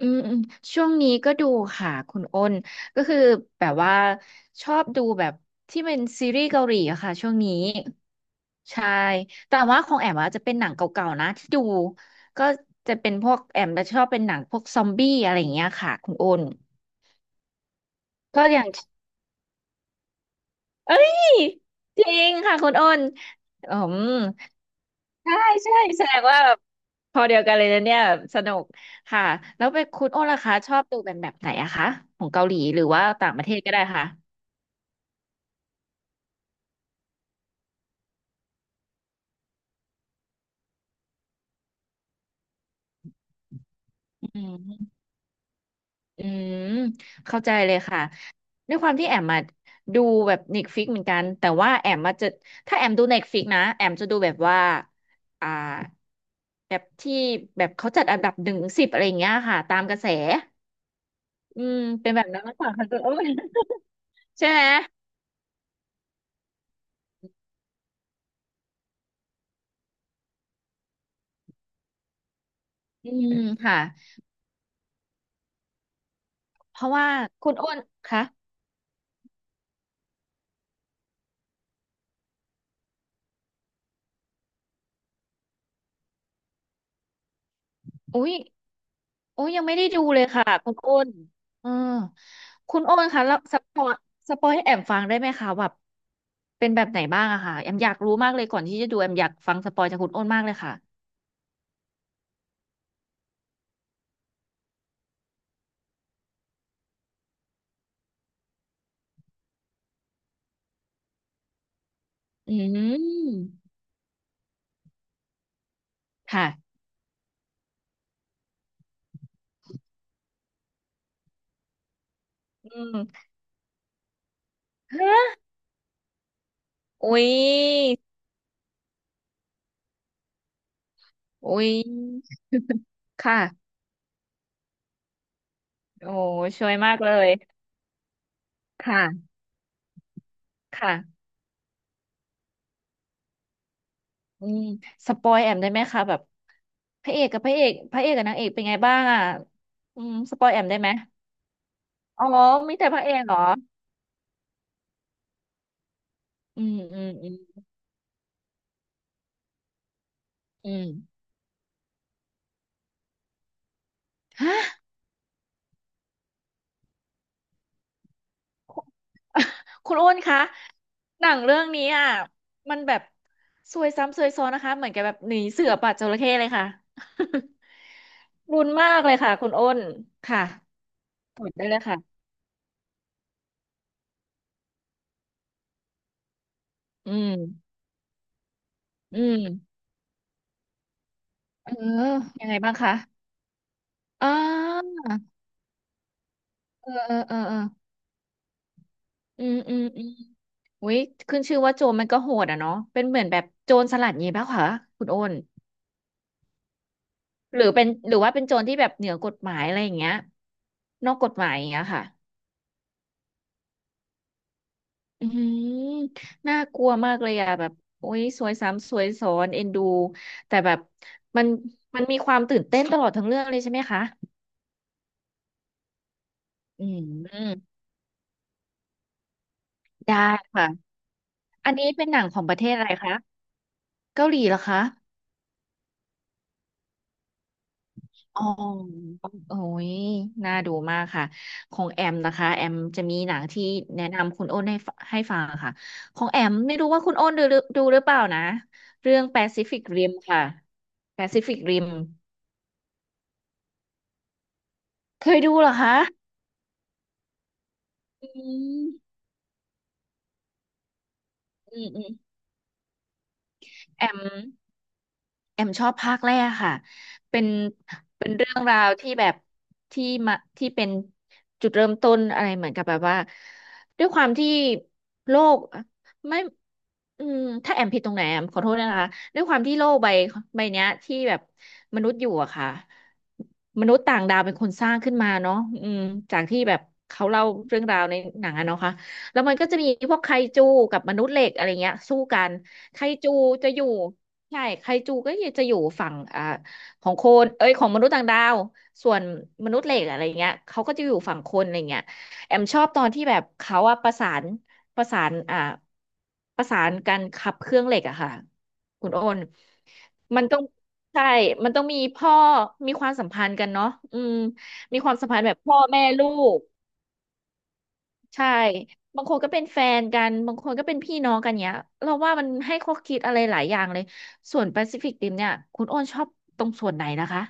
อืมอืมช่วงนี้ก็ดูค่ะคุณอ้นก็คือแบบว่าชอบดูแบบที่เป็นซีรีส์เกาหลีอะค่ะช่วงนี้ใช่แต่ว่าของแอมอะจะเป็นหนังเก่าๆนะที่ดูก็จะเป็นพวกแอมจะชอบเป็นหนังพวกซอมบี้อะไรอย่างเงี้ยค่ะคุณอ้นก็อย่างเอ้ยจริงค่ะคุณอ้นอืม ใช่ใช่แสดงว่าแบบพอเดียวกันเลยนะเนี่ยแบบสนุกค่ะแล้วไปคุณโอ้ล่ะคะชอบดูเป็นแบบไหนอะคะของเกาหลีหรือว่าต่างประเทศก็ได้ค่ะอืมอืมเข้าใจเลยค่ะด้วยความที่แอมมาดูแบบเน็ตฟิกเหมือนกันแต่ว่าแอมมาจะถ้าแอมดูเน็ตฟิกนะแอมจะดูแบบว่าอ่าแบบที่แบบเขาจัดอันดับหนึ่งสิบอะไรอย่างเงี้ยค่ะตามกระแสอืมเป็นแบบนั้นมากกว่าค่ะคุณโอ้ ใช่ไหมอืมค่ะ เพราะว่าคุณอ้นคะอุ้ยยังไม่ได้ดูเลยค่ะคุณอ้นเออคุณอ้นคะแล้วสปอยสปอยให้แอมฟังได้ไหมคะแบบเป็นแบบไหนบ้างอะค่ะแอมอยากรู้มากเลยก่อนที่จะดูแอมอยากฟังสปอยจากคุณอ้นมากเลยค่ะอืมค่ะอืมฮะอุ้ยอุ้ยค่ะโอ้ช่วยมากเลยค่ะค่ะ อืมสปอยแอมได้ไหมคะแบบพระเอกกับพระเอกกับนางเอกเป็นไงบ้างอ่ะอืมสปอยแอมได้ไหมอ๋อมีแต่พระเอกเหรออืมอืมอืมอืมฮะ คุณอ้นคะหนังเรื่องนี้อ่ะมันแบบซวยซ้ำซวยซ้อนนะคะเหมือนกับแบบหนีเสือป่าจระเข้เลยค่ะ รุนมากเลยค่ะคุณอ้นค่ะกดได้เลยค่ะอืมอืมเออยังไงบ้างคะอ๋อเออเออเออเอออืมอืมอืม อุ้ยขึ้นชื่อว่าโจรมันก็โหดอ่ะเนาะเป็นเหมือนแบบโจรสลัดงี้ป่ะคะคุณโอนหรือเป็นหรือว่าเป็นโจรที่แบบเหนือกฎหมายอะไรอย่างเงี้ยนอกกฎหมายอย่างเงี้ยค่ะอืมน่ากลัวมากเลยอะแบบโอ้ยสวยซ้ำสวยซ้อนเอ็นดูแต่แบบมันมันมีความตื่นเต้นตลอดทั้งเรื่องเลยใช่ไหมคะอืมได้ค่ะอันนี้เป็นหนังของประเทศอะไรคะเกาหลีเหรอคะ อ๋อโอ้ยน่าดูมากค่ะ ของแอมนะคะ แอมจะมีหนังที่แนะนำคุณโอ้นให้ฟังค่ะ ของแอมไม่รู้ว่าคุณโอ้นดูหรือเปล่านะ เรื่อง Pacific Rim ค่ะ Pacific Rim เคยดูเหรอคะ อืมอืมอืมแอม แอมชอบภาคแรกค่ะ เป็น เป็นเรื่องราวที่แบบที่มาที่เป็นจุดเริ่มต้นอะไรเหมือนกับแบบว่า ด้วยความที่โลกไม่อืมถ้าแอมผิดตรงไหนแอมขอโทษนะคะด้วยความที่โลกใบเนี้ยที่แบบมนุษย์อยู่อะค่ะมนุษย์ต่างดาวเป็นคนสร้างขึ้นมาเนาะอืมจากที่แบบเขาเล่าเรื่องราวในหนังอะเนาะค่ะแล้วมันก็จะมีพวกไคจูกับมนุษย์เหล็กอะไรเงี้ยสู้กันไคจูจะอยู่ ใช่ไคจูก็จะอยู่ฝั่งของคนเอ้ยของมนุษย์ต่างดาว ส่วนมนุษย์เหล็กอะไรเงี้ยเขาก็จะอยู่ฝั่งคนอะไรเงี้ยแอมชอบตอนที่แบบเขาอะประสานประสานอ่าประสานกันขับเครื่องเหล็กอะค่ะ คุณโอนมันต้องใช่มันต้องมีพ่อมีความสัมพันธ์กันเนาะอืมมีความสัมพันธ์แบบพ่อแม่ลูก ใช่ บางคนก็เป็นแฟนกัน บางคนก็เป็นพี่น้องกันเนี้ยเราว่ามันให้ข้อคิดอะไรหลายอย่างเลย ส่วนแปซิฟิกริมเนี่ย คุณโอ้นชอบตรงส่วนไหนนะคะ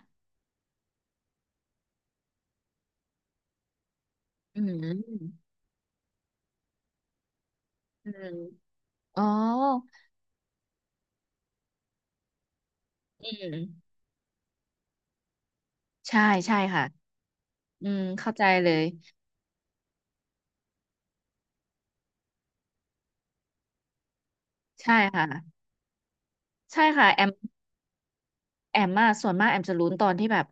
อืม อืมอ๋ออืม ใช่ ใช่ค่ะ อืม เข้าใจเลย ใช่ค่ะ ใช่ค่ะแอมแอมส่วนมากแอมจะลุ้นตอนที่แบบ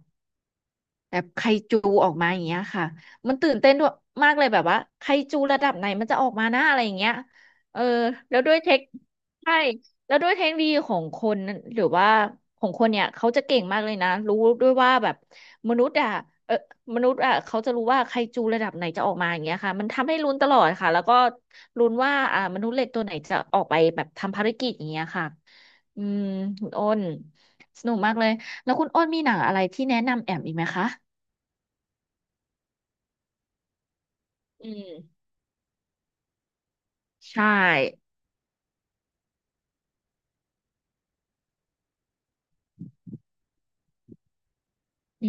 แบบไคจูออกมาอย่างเงี้ยค่ะมันตื่นเต้นด้วยมากเลยแบบว่าไคจูระดับไหนมันจะออกมาหน้าอะไรอย่างเงี้ยเออแล้วด้วยเทคใช่แล้วด้วยเทคโนโลยีของคนนั้นหรือว่าของคนเนี่ยเขาจะเก่งมากเลยนะรู้ด้วยว่าแบบมนุษย์อะเออมนุษย์อะเขาจะรู้ว่าไคจูระดับไหนจะออกมาอย่างเงี้ยค่ะมันทำให้ลุ้นตลอดค่ะแล้วก็ลุ้นว่ามนุษย์เหล็กตัวไหนจะออกไปแบบทำภารกิจอย่างเงี้ยค่ะอืมคุณอ้นสนุกมากเลย แล้วคุณอ้นมีหนังอะไรที่แนะนำแอมอีกไหมคะ อืมใช่อื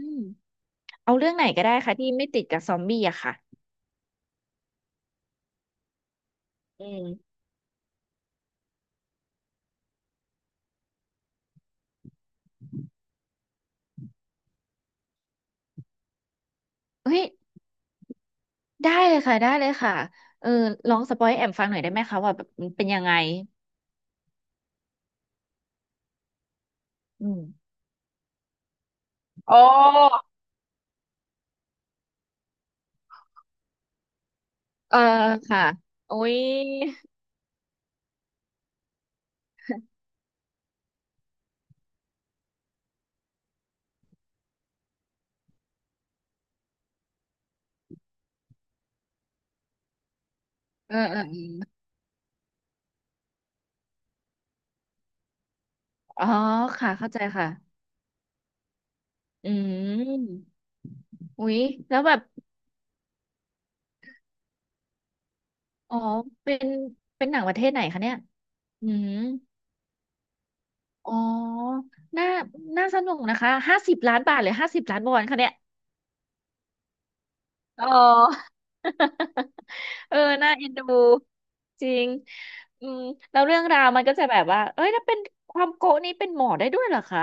มเอาเรื่องไหนก็ได้ค่ะที่ไม่ติดกับซอมบี้อะค่ะอืมเฮ้ยได้เลยค่ะได้เลยค่ะเออลองสปอยให้แอมฟังหน่อยได้ไหมคะว่าแบบมันเป็นยังไงอืมโอ้เออค่ะโอ้ยเออเออเอ๋อค่ะเข้าใจค่ะอืมอุ๊ยแล้วแบบอ๋อเป็นเป็นหนังประเทศไหนคะเนี่ยอืมอ๋อน่าน่าสนุกนะคะห้าสิบล้านบาทหรือห้าสิบล้านวอนคะเนี่ย อ๋อ เออน่าเอ็นดูจริงอืมแล้วเรื่องราวมันก็จะแบบว่าเอ้ยถ้าเป็นความโกะนี้เป็นหมอได้ด้วยเหรอคะ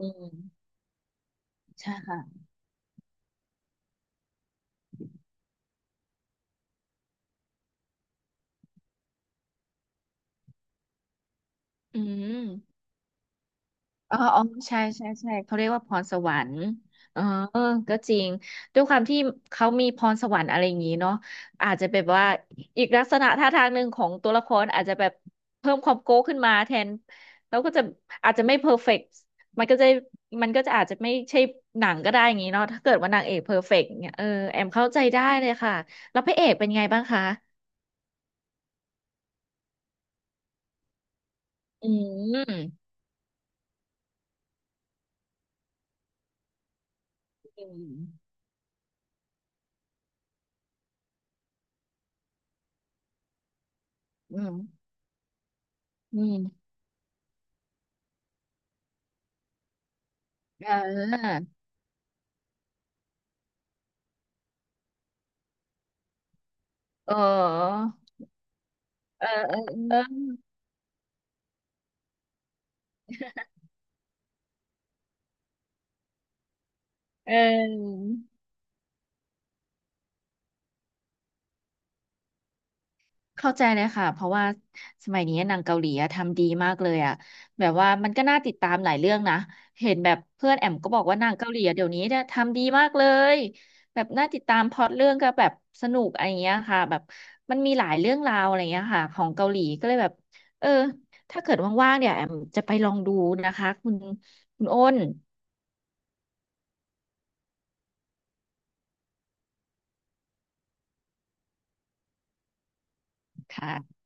อืมใช่ค่ะอืม อ๋ออ๋อใช่ใช่ใช่เขาเรียกว่าพรสวรรค์เออก็จริงด้วยความที่เขามีพรสวรรค์อะไรอย่างนี้เนาะอาจจะแบบว่าอีกลักษณะท่าทางหนึ่งของตัวละครอาจจะแบบเพิ่มความโก้ขึ้นมาแทนแล้วก็จะอาจจะไม่เพอร์เฟกต์มันก็จะมันก็จะอาจจะไม่ใช่หนังก็ได้อย่างนี้เนาะถ้าเกิดว่านางเอกเพอร์เฟกต์เนี่ยเออแอมเข้าใจได้เลยค่ะแล้วพระเอกเป็นไงบ้างคะอืมอืมอืมอืมเออเออ เออเออเออเออเข้าใจเลยค่ะเพราะว่าสมัยนี้หนังเกาหลีอะทำดีมากเลยอะแบบว่ามันก็น่าติดตามหลายเรื่องนะเห็นแบบเพื่อนแอมก็บอกว่าหนังเกาหลีอะเดี๋ยวนี้เนี่ยทำดีมากเลยแบบน่าติดตามพล็อตเรื่องก็แบบสนุกอะไรอย่างเงี้ยค่ะแบบมันมีหลายเรื่องราวอะไรอย่างเงี้ยค่ะของเกาหลีก็เลยแบบเออถ้าเกิดว่างๆเนี่ยแอมจะไปลองดูนะคะคุณอ้นค่ะ